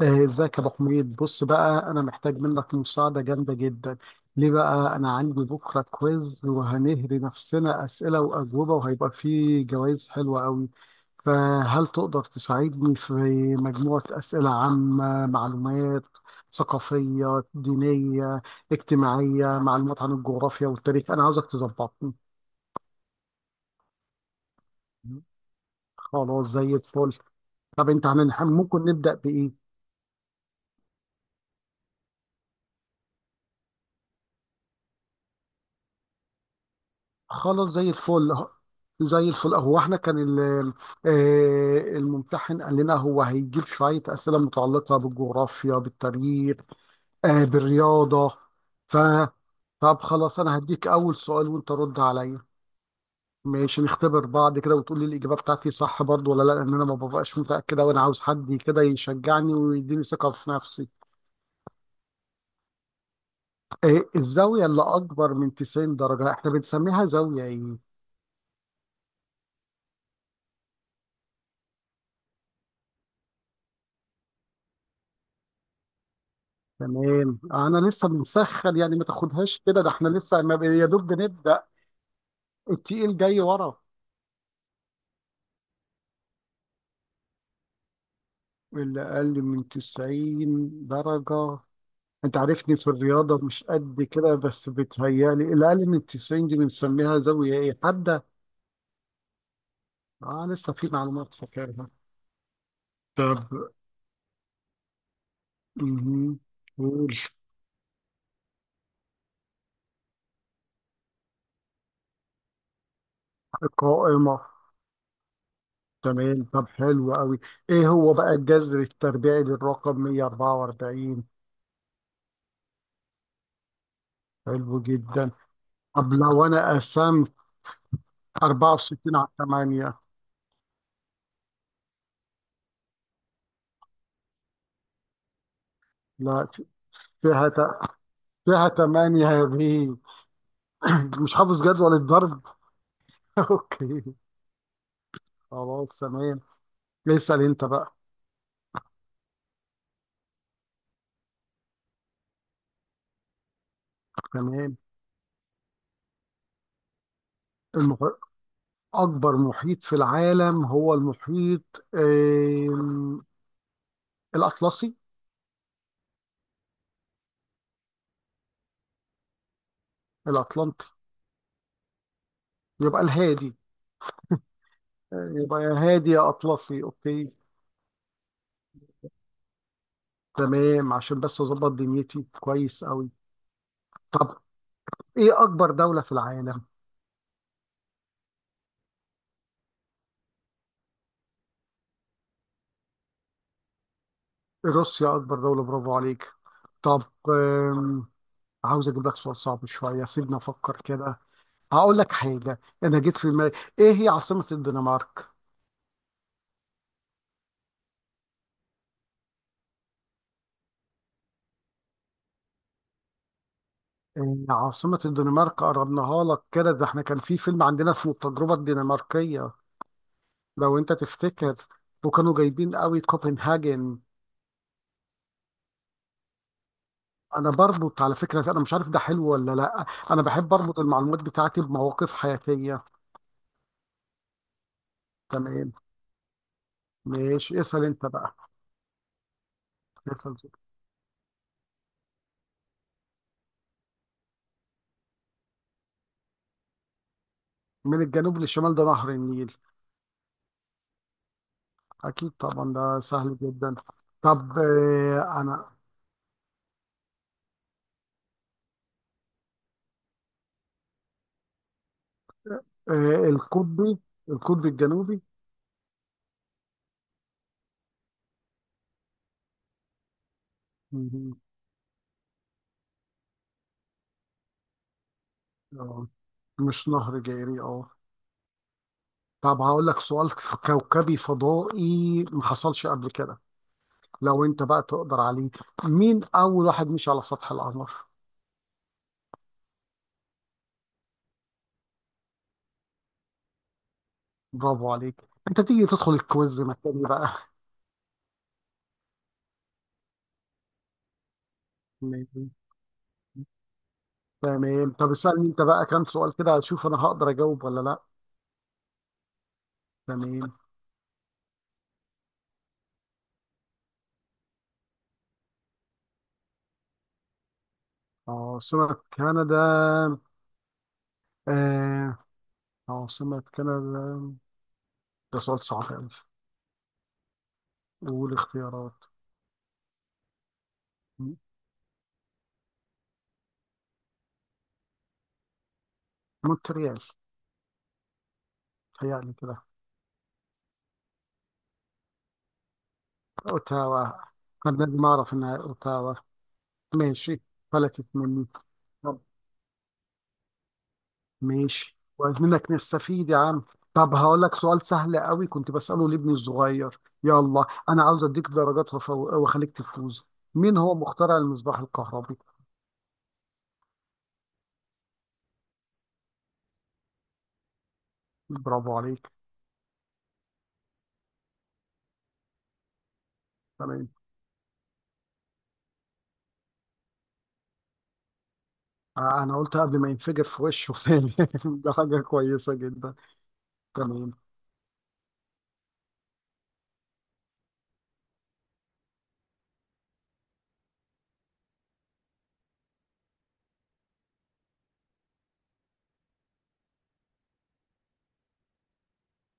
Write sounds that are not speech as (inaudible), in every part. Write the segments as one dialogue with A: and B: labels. A: ازيك يا ابو حميد؟ بص بقى، انا محتاج منك مساعده جامده جدا. ليه بقى؟ انا عندي بكره كويز وهنهري نفسنا اسئله واجوبه، وهيبقى فيه جوائز حلوه قوي. فهل تقدر تساعدني في مجموعه اسئله عامه، معلومات ثقافيه، دينيه، اجتماعيه، معلومات عن الجغرافيا والتاريخ؟ انا عاوزك تظبطني. خلاص زي الفل. طب انت هنلحق؟ ممكن نبدا بايه؟ خلاص زي الفل. زي الفل. هو احنا كان الممتحن قال لنا هو هيجيب شوية أسئلة متعلقة بالجغرافيا، بالتاريخ، بالرياضة. ف طب خلاص، أنا هديك أول سؤال وأنت رد عليا. ماشي، نختبر بعض كده وتقول لي الإجابة بتاعتي صح برضو ولا لا، لأن أنا ما ببقاش متأكدة، وأنا عاوز حد كده يشجعني ويديني ثقة في نفسي. الزاوية اللي أكبر من 90 درجة احنا بنسميها زاوية إيه؟ تمام، انا لسه بنسخن، يعني ما تاخدهاش كده، ده احنا لسه ما ب- يا دوب بنبدا. التقيل جاي ورا. اللي اقل من 90 درجه، انت عارفني في الرياضه مش قد كده، بس بتهيالي اللي اقل من 90 دي بنسميها زاويه ايه، حاده. اه لسه في معلومات فاكرها. طب مهم. قول. قائمه. تمام، طب حلو قوي. ايه هو بقى الجذر التربيعي للرقم 144؟ حلو جدا. طب لو انا قسمت 64 على 8؟ لا، فيها ت... فيها 8 يا بيه. (clears throat) (coughs) مش حافظ جدول الضرب. (laughs) اوكي، خلاص تمام. اسأل انت بقى. تمام. المح... اكبر محيط في العالم هو المحيط الاطلسي. الاطلنطي. يبقى الهادي. يبقى يا هادي يا اطلسي. اوكي، تمام، عشان بس اظبط دنيتي كويس قوي. طب ايه اكبر دولة في العالم؟ روسيا اكبر دولة، برافو عليك. طب عاوز اجيب لك سؤال صعب شويه، سيبني افكر كده. هقول لك حاجه انا جيت في دماغي. ايه هي عاصمه الدنمارك؟ إيه عاصمه الدنمارك؟ قربناها لك كده، ده احنا كان في فيلم عندنا اسمه التجربه الدنماركيه. لو انت تفتكر. وكانوا جايبين قوي كوبنهاجن. انا بربط على فكره، انا مش عارف ده حلو ولا لا، انا بحب اربط المعلومات بتاعتي بمواقف حياتيه. تمام، ماشي اسال انت بقى. اسال. من الجنوب للشمال؟ ده نهر النيل. أكيد طبعا، ده سهل جدا. طب أنا، القطبي، القطب الجنوبي. مهم. آه، مش نهر جاري، أه. طب هقول لك سؤال في كوكبي فضائي، ما حصلش قبل كده. لو أنت بقى تقدر عليه. مين أول واحد مشي على سطح القمر؟ برافو عليك. أنت تيجي تدخل الكويز مكاني بقى. (laughs) ماشي. تمام، طب اسألني أنت بقى كام سؤال كده، أشوف أنا هقدر أجاوب ولا لأ. تمام. أه سمك كندا. آه عاصمة كندا، ده سؤال صعب أوي. والاختيارات؟ مونتريال. تهيألي كده. أوتاوا. أنا لازم أعرف إنها أوتاوا. ماشي، فلتت مني. طب ماشي، كويس منك نستفيد يا عم. طب هقول لك سؤال سهل قوي، كنت بسأله لابني الصغير، يلا أنا عاوز أديك درجات وأخليك تفوز. مين هو مخترع المصباح الكهربي؟ برافو عليك. تمام. أنا قلت قبل ما ينفجر في وشه (laughs) ثاني. ده حاجة كويسة جدا. تمام.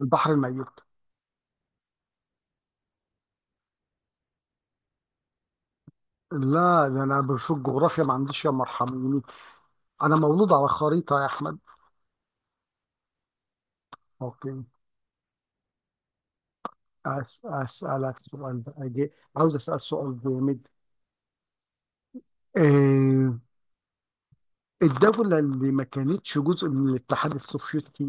A: البحر الميت. لا، ده انا في الجغرافيا ما عنديش يا مرحميني. انا مولود على خريطه يا احمد. اوكي. اسالك سؤال بقى، عاوز اسال سؤال جامد. آه، الدوله اللي ما كانتش جزء من الاتحاد السوفيتي.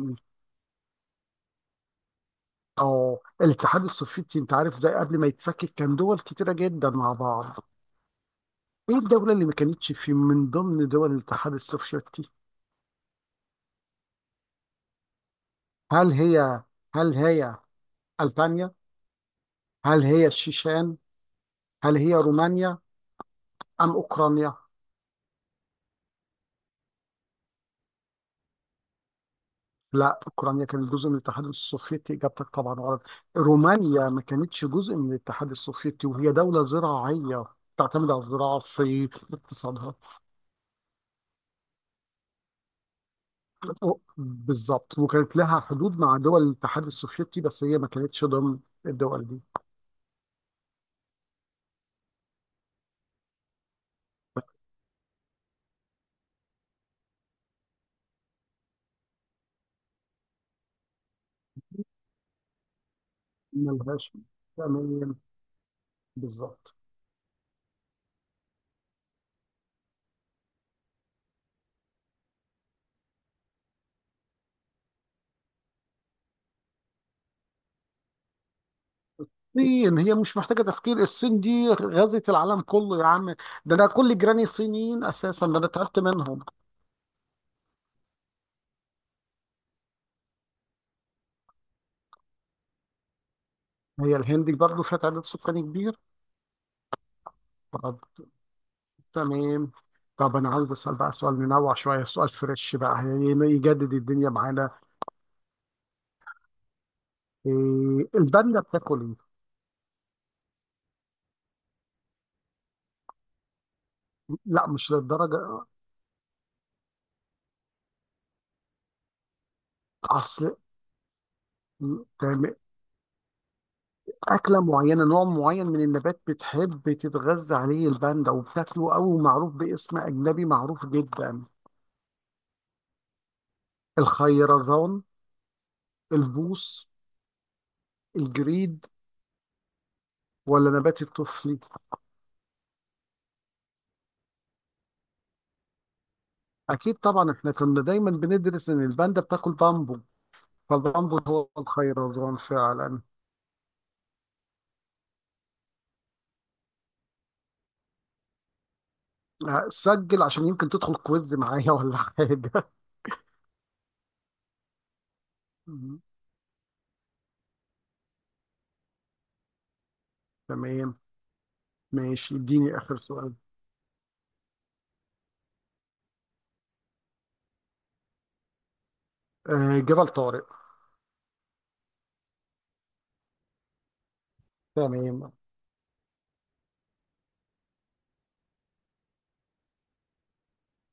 A: اه الاتحاد السوفيتي، انت عارف ده قبل ما يتفكك كان دول كتيره جدا مع بعض. ايه الدوله اللي ما كانتش في من ضمن دول الاتحاد السوفيتي؟ هل هي هل هي البانيا، هل هي الشيشان، هل هي رومانيا، ام اوكرانيا؟ لا، أوكرانيا كانت جزء من الاتحاد السوفيتي، إجابتك طبعا غلط. رومانيا ما كانتش جزء من الاتحاد السوفيتي، وهي دولة زراعية تعتمد على الزراعة في اقتصادها. بالظبط، وكانت لها حدود مع دول الاتحاد السوفيتي، بس هي ما كانتش ضمن الدول دي. ملهاش. تمام، بالظبط. الصين، هي مش محتاجة تفكير، الصين دي غزت العالم كله يا عم. ده انا كل جيراني صينيين اساسا، ده انا تعبت منهم. هي الهند برضه فيها تعداد سكاني كبير. تمام. طب انا عايز اسال بقى سؤال منوع شويه، سؤال فريش بقى يعني، يجدد الدنيا معانا. إيه الباندا بتاكل ايه؟ لا مش للدرجه. اصل. تمام، اكله معينه، نوع معين من النبات بتحب تتغذى عليه الباندا وبتاكله قوي، ومعروف باسم اجنبي معروف جدا. الخيرزون. البوص. الجريد. ولا نبات الطفلي. اكيد طبعا، احنا كنا دايما بندرس ان الباندا بتاكل بامبو، فالبامبو هو الخيرزون فعلا. لا، سجل عشان يمكن تدخل كويز معايا (laughs) ولا حاجة. مم. تمام، ماشي اديني آخر سؤال. آه جبل طارق. تمام.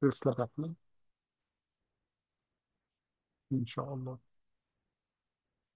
A: تسلم يا أحمد. إن شاء الله.